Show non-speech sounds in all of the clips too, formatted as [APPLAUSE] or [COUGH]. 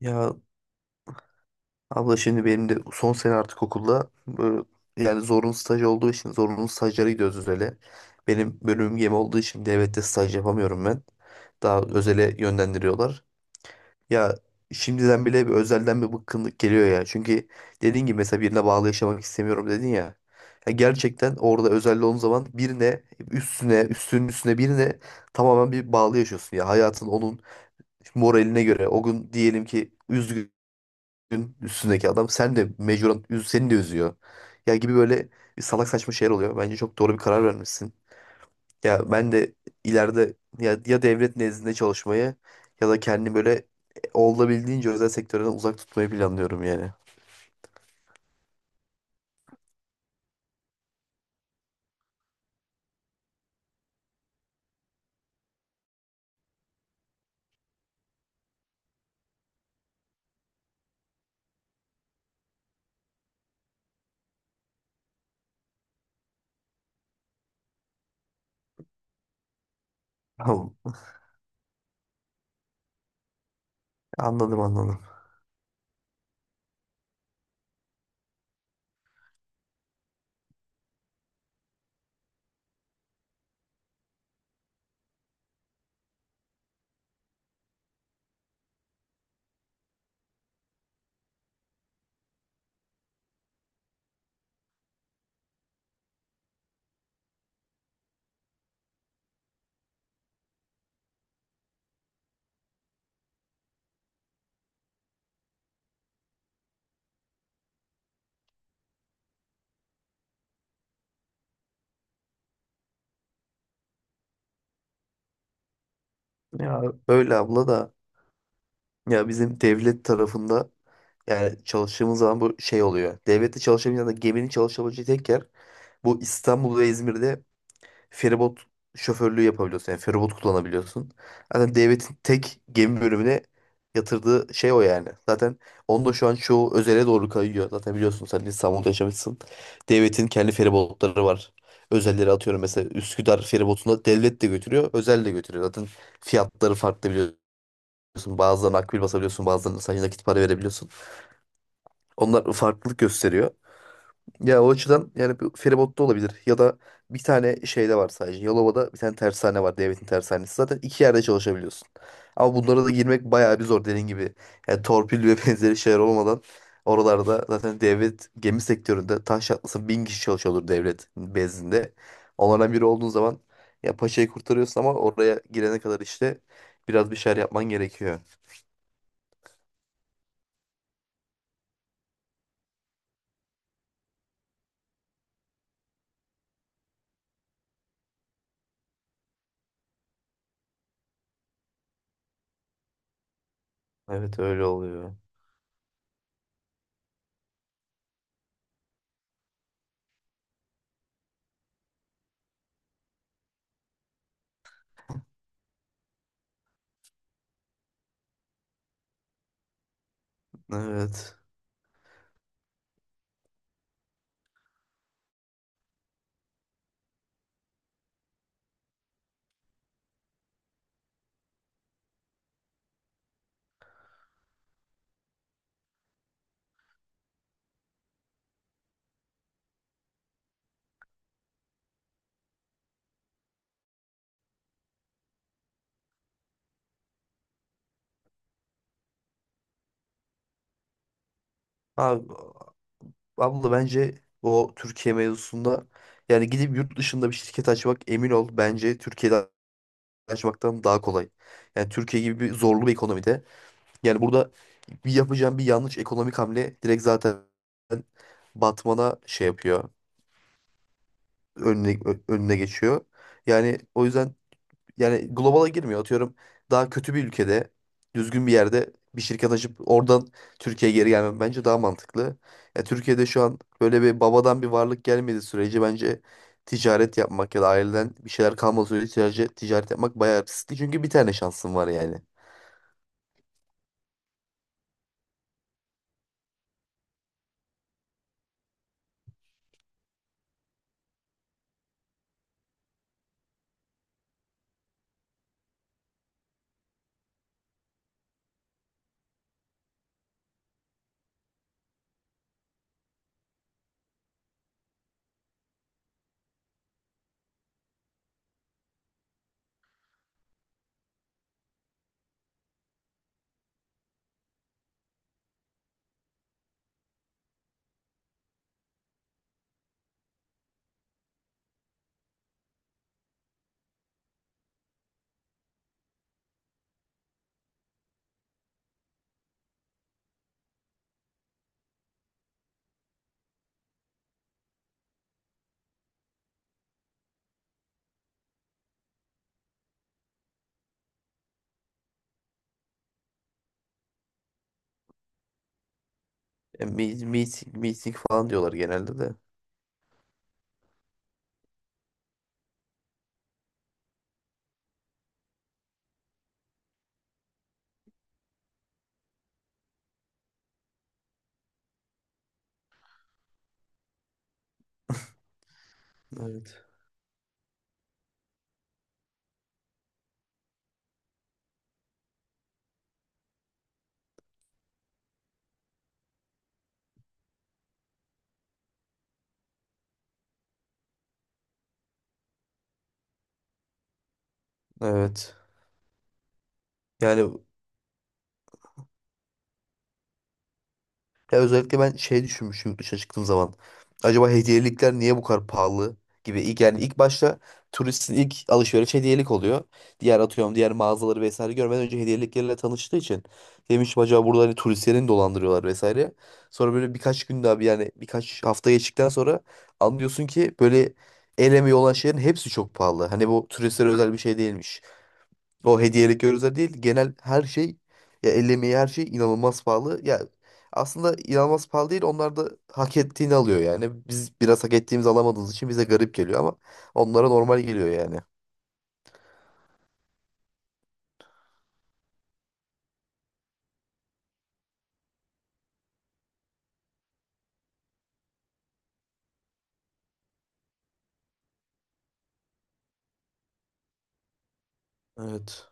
Ya abla şimdi benim de son sene artık okulda böyle, yani zorunlu staj olduğu için zorunlu stajlara gidiyoruz özele. Benim bölümüm gemi olduğu için devlette staj yapamıyorum ben. Daha özele yönlendiriyorlar. Ya şimdiden bile bir özelden bir bıkkınlık geliyor ya. Çünkü dediğin gibi mesela birine bağlı yaşamak istemiyorum dedin ya. Ya gerçekten orada özelde olduğun zaman birine üstüne üstünün üstüne birine tamamen bir bağlı yaşıyorsun ya. Hayatın onun moraline göre o gün diyelim ki üzgün üstündeki adam sen de mecburen seni de üzüyor. Ya gibi böyle bir salak saçma şeyler oluyor. Bence çok doğru bir karar vermişsin. Ya ben de ileride ya, ya devlet nezdinde çalışmayı ya da kendini böyle olabildiğince özel sektörden uzak tutmayı planlıyorum yani. [LAUGHS] Tamam. Anladım anladım. Ya öyle abla da ya bizim devlet tarafında yani çalıştığımız zaman bu şey oluyor. Devlette çalışabilen ya da geminin çalışabileceği tek yer bu İstanbul ve İzmir'de feribot şoförlüğü yapabiliyorsun. Yani feribot kullanabiliyorsun. Zaten devletin tek gemi bölümüne yatırdığı şey o yani. Zaten onu da şu an çoğu özele doğru kayıyor. Zaten biliyorsun sen de İstanbul'da yaşamışsın. Devletin kendi feribotları var. Özelleri atıyorum mesela Üsküdar feribotunda devlet de götürüyor, özel de götürüyor. Zaten fiyatları farklı biliyorsun. Bazılarına akbil basabiliyorsun, bazılarına sadece nakit para verebiliyorsun. Onlar farklılık gösteriyor. Ya o açıdan yani bir feribotta olabilir. Ya da bir tane şeyde var sadece. Yalova'da bir tane tersane var. Devletin tersanesi. Zaten iki yerde çalışabiliyorsun. Ama bunlara da girmek bayağı bir zor dediğin gibi. Yani torpil ve [LAUGHS] benzeri şeyler olmadan oralarda zaten devlet gemi sektöründe taş çatlasın 1.000 kişi çalışıyordur devlet bezdinde. Onlardan biri olduğun zaman ya paçayı kurtarıyorsun ama oraya girene kadar işte biraz bir şeyler yapman gerekiyor. Evet öyle oluyor. Evet. Abi Abla bence o Türkiye mevzusunda yani gidip yurt dışında bir şirket açmak emin ol bence Türkiye'de açmaktan daha kolay. Yani Türkiye gibi bir zorlu bir ekonomide yani burada bir yapacağın bir yanlış ekonomik hamle direkt zaten batmana şey yapıyor. Önüne geçiyor. Yani o yüzden yani globala girmiyor. Atıyorum daha kötü bir ülkede düzgün bir yerde bir şirket açıp oradan Türkiye'ye geri gelmem bence daha mantıklı. Ya Türkiye'de şu an böyle bir babadan bir varlık gelmediği sürece bence ticaret yapmak ya da aileden bir şeyler kalmadığı sürece ticaret yapmak bayağı riskli. Çünkü bir tane şansın var yani. E, meeting falan diyorlar genelde de. Evet. Evet. Yani ya özellikle ben şey düşünmüşüm yurt dışına çıktığım zaman. Acaba hediyelikler niye bu kadar pahalı gibi. İlk, yani ilk başta turistin ilk alışveriş hediyelik oluyor. Diğer atıyorum diğer mağazaları vesaire görmeden önce hediyeliklerle tanıştığı için. Demiştim acaba burada hani turistlerini mi dolandırıyorlar vesaire. Sonra böyle birkaç gün daha yani birkaç hafta geçtikten sonra anlıyorsun ki böyle el emeği olan şeylerin hepsi çok pahalı. Hani bu turistlere özel bir şey değilmiş. O hediyelik gözler değil. Genel her şey ya el emeği her şey inanılmaz pahalı. Ya aslında inanılmaz pahalı değil. Onlar da hak ettiğini alıyor yani. Biz biraz hak ettiğimizi alamadığımız için bize garip geliyor ama onlara normal geliyor yani. Evet.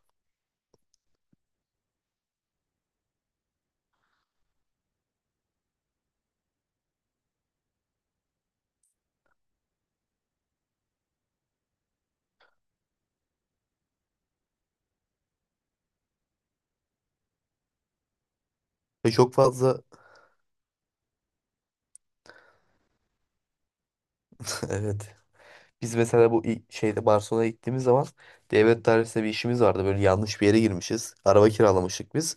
Ve çok fazla [LAUGHS] evet. Biz mesela bu şeyde Barcelona'ya gittiğimiz zaman devlet dairesinde bir işimiz vardı. Böyle yanlış bir yere girmişiz. Araba kiralamıştık biz.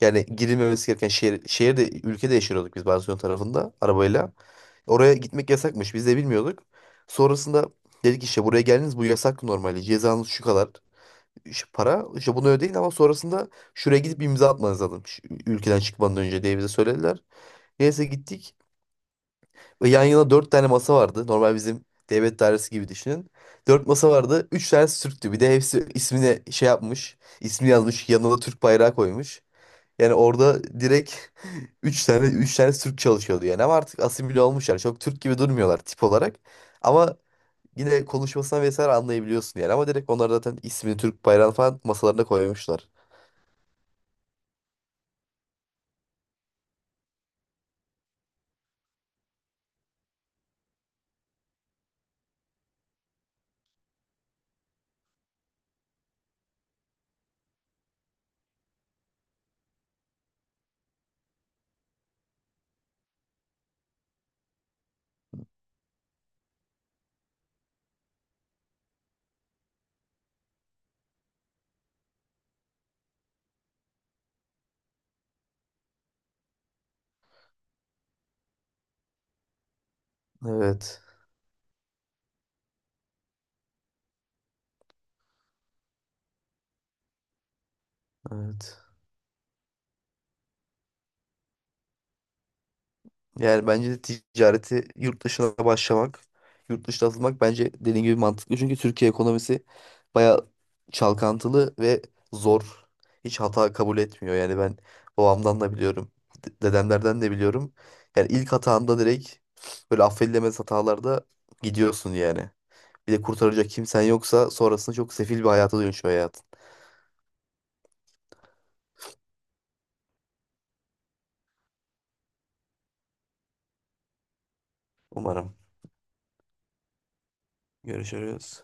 Yani girilmemesi gereken şehirde, ülkede yaşıyorduk biz Barcelona tarafında arabayla. Oraya gitmek yasakmış. Biz de bilmiyorduk. Sonrasında dedik işte buraya geldiniz bu yasak normalde. Cezanız şu kadar şu para. İşte bunu ödeyin ama sonrasında şuraya gidip bir imza atmanız lazım. Şu ülkeden çıkmadan önce diye bize söylediler. Neyse gittik. Ve yan yana dört tane masa vardı. Normal bizim devlet dairesi gibi düşünün. Dört masa vardı. Üç tanesi Türktü. Bir de hepsi ismine şey yapmış. İsmi yazmış. Yanına da Türk bayrağı koymuş. Yani orada direkt [LAUGHS] üç tane Türk çalışıyordu yani ama artık asimile olmuşlar. Çok Türk gibi durmuyorlar tip olarak. Ama yine konuşmasına vesaire anlayabiliyorsun yani. Ama direkt onlar zaten ismini Türk bayrağını falan masalarına koymuşlar. Evet. Evet. Yani bence de ticareti yurt dışına başlamak, yurt dışına atılmak bence dediğin gibi mantıklı. Çünkü Türkiye ekonomisi bayağı çalkantılı ve zor. Hiç hata kabul etmiyor. Yani ben babamdan da biliyorum, dedemlerden de biliyorum. Yani ilk hatanda direkt böyle affedilemez hatalarda gidiyorsun yani. Bir de kurtaracak kimsen yoksa sonrasında çok sefil bir hayata dönüşüyor hayatın. Umarım. Görüşürüz.